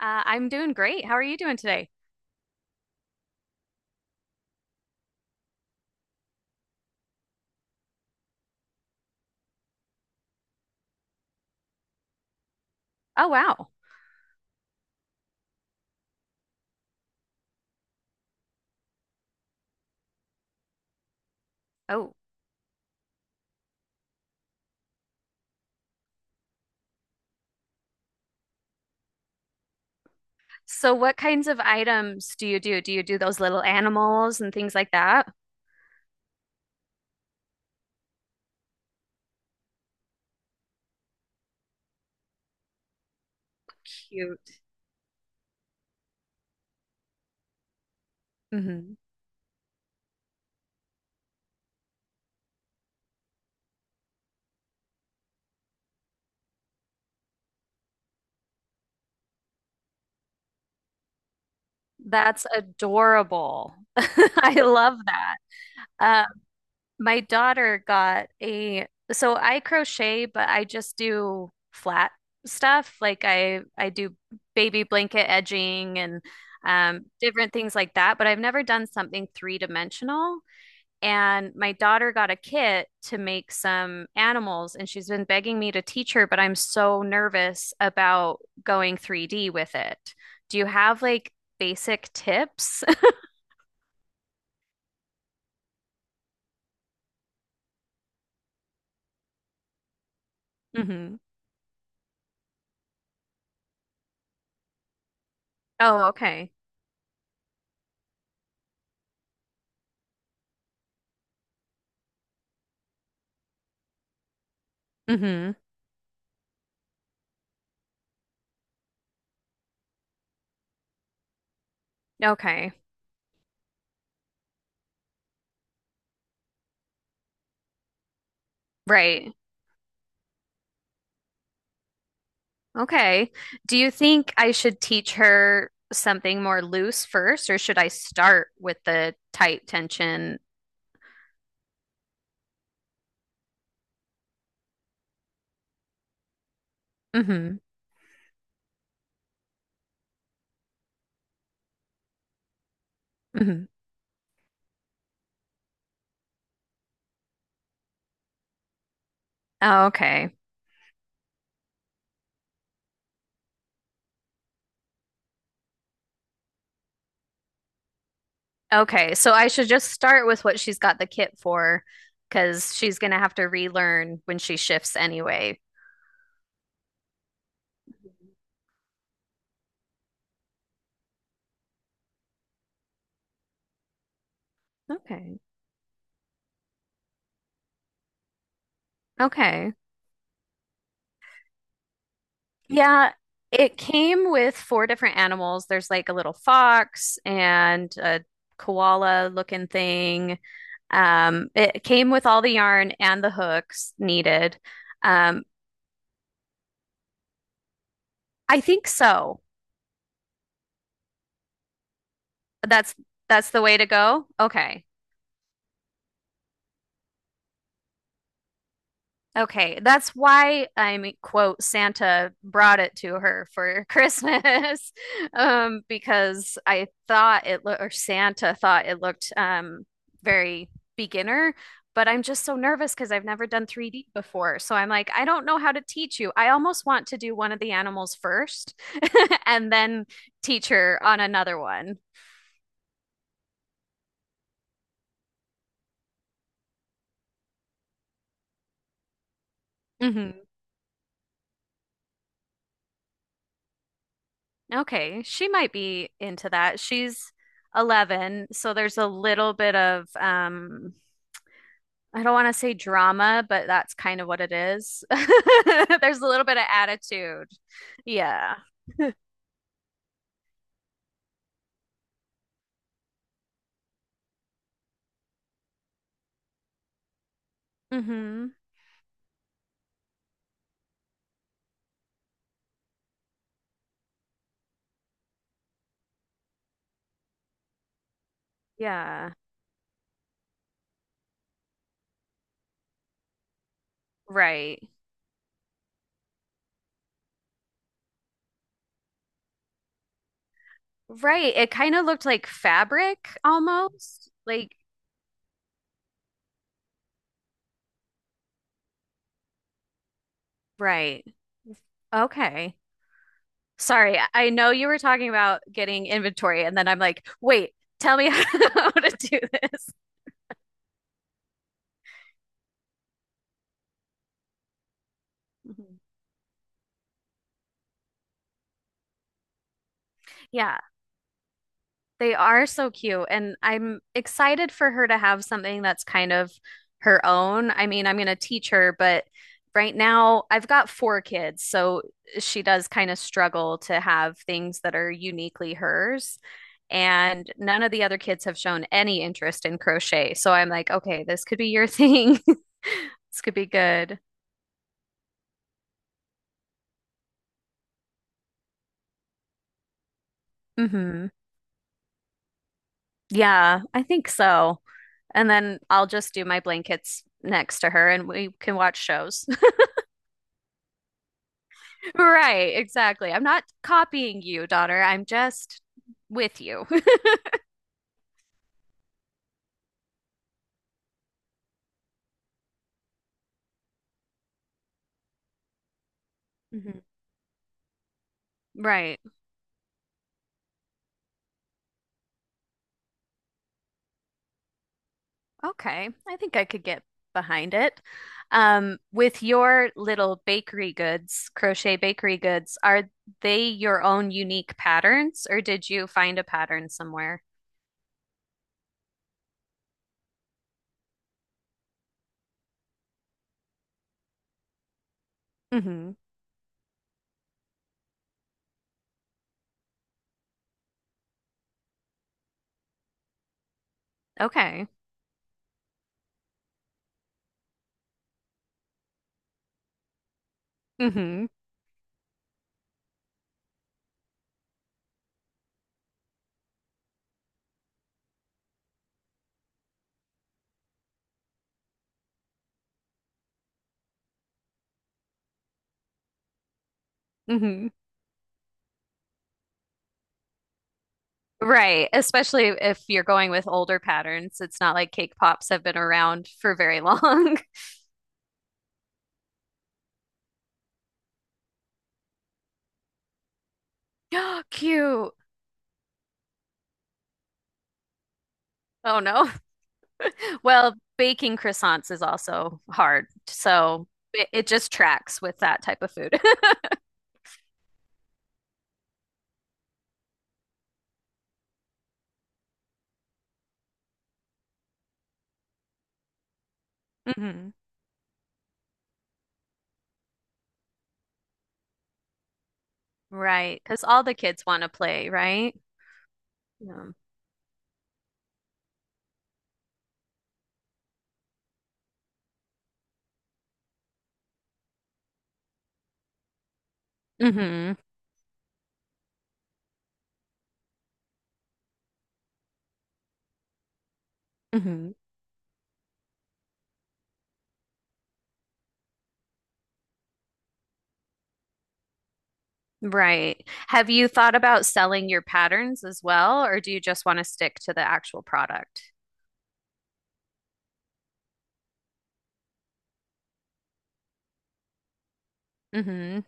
I'm doing great. How are you doing today? Oh, wow. Oh, so what kinds of items do you do? Do you do those little animals and things like that? Cute. Hmm. That's adorable. I love that. Uh, my daughter got a, so I crochet, but I just do flat stuff. Like I do baby blanket edging and different things like that, but I've never done something three dimensional. And my daughter got a kit to make some animals, and she's been begging me to teach her, but I'm so nervous about going 3D with it. Do you have like basic tips? Hmm. Oh, okay. Hmm. Okay. Right. Okay. Do you think I should teach her something more loose first, or should I start with the tight tension? Hmm, hmm. Oh, okay. Okay, so I should just start with what she's got the kit for, because she's gonna have to relearn when she shifts anyway. Okay. Okay. Yeah, it came with four different animals. There's like a little fox and a koala looking thing. It came with all the yarn and the hooks needed. Um, I think so. That's that's the way to go. Okay. Okay, that's why I'm quote Santa brought it to her for Christmas, because I thought it looked, or Santa thought it looked, very beginner, but I'm just so nervous because I've never done 3D before. So I'm like, I don't know how to teach you. I almost want to do one of the animals first and then teach her on another one. Hmm. Okay, she might be into that. She's 11, so there's a little bit of I don't want to say drama, but that's kind of what it is. There's a little bit of attitude. Yeah. Hmm. Yeah. Right. Right. It kind of looked like fabric almost. Like, right. Okay. Sorry. I know you were talking about getting inventory, and then I'm like, wait, tell me how to do this. Mhm. Yeah. They are so cute, and I'm excited for her to have something that's kind of her own. I mean, I'm going to teach her, but right now I've got four kids, so she does kind of struggle to have things that are uniquely hers. And none of the other kids have shown any interest in crochet. So I'm like, okay, this could be your thing. This could be good. Hmm. Yeah, I think so. And then I'll just do my blankets next to her and we can watch shows. Right, exactly. I'm not copying you, daughter. I'm just with you. Mhm. Right. Okay. I think I could get behind it. With your little bakery goods, crochet bakery goods, are they your own unique patterns, or did you find a pattern somewhere? Mhm. Okay. Hmm, hmm. Right. Especially if you're going with older patterns. It's not like cake pops have been around for very long. Cute. Oh no. Well, baking croissants is also hard. So it just tracks with that type of food. Hmm. Right. Because all the kids want to play, right? Yeah. Hmm, hmm. Right. Have you thought about selling your patterns as well, or do you just want to stick to the actual product? Hmm.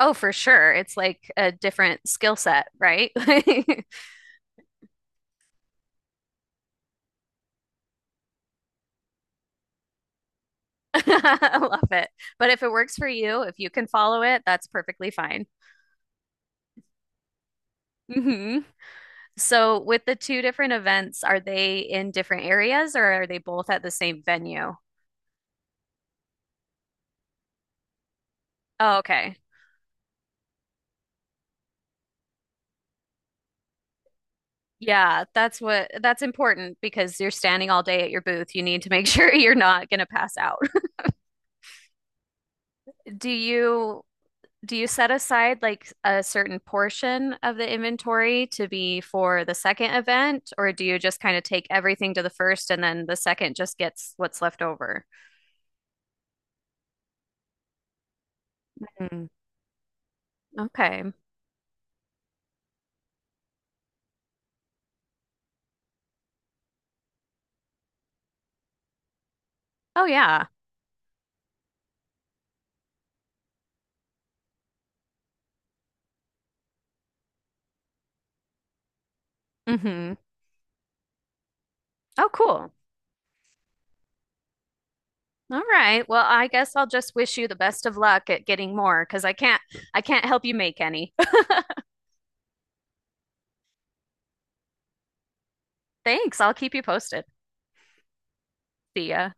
Oh, for sure. It's like a different skill set, right? I love it. But if it works for you, if you can follow it, that's perfectly fine. Hmm. So, with the two different events, are they in different areas or are they both at the same venue? Oh, okay. Yeah, that's important because you're standing all day at your booth. You need to make sure you're not going to pass out. Do you do you set aside like a certain portion of the inventory to be for the second event, or do you just kind of take everything to the first and then the second just gets what's left over? Mm, okay. Oh yeah. Mm-hmm. Oh, cool. All right. Well, I guess I'll just wish you the best of luck at getting more because I can't help you make any. Thanks. I'll keep you posted. See ya.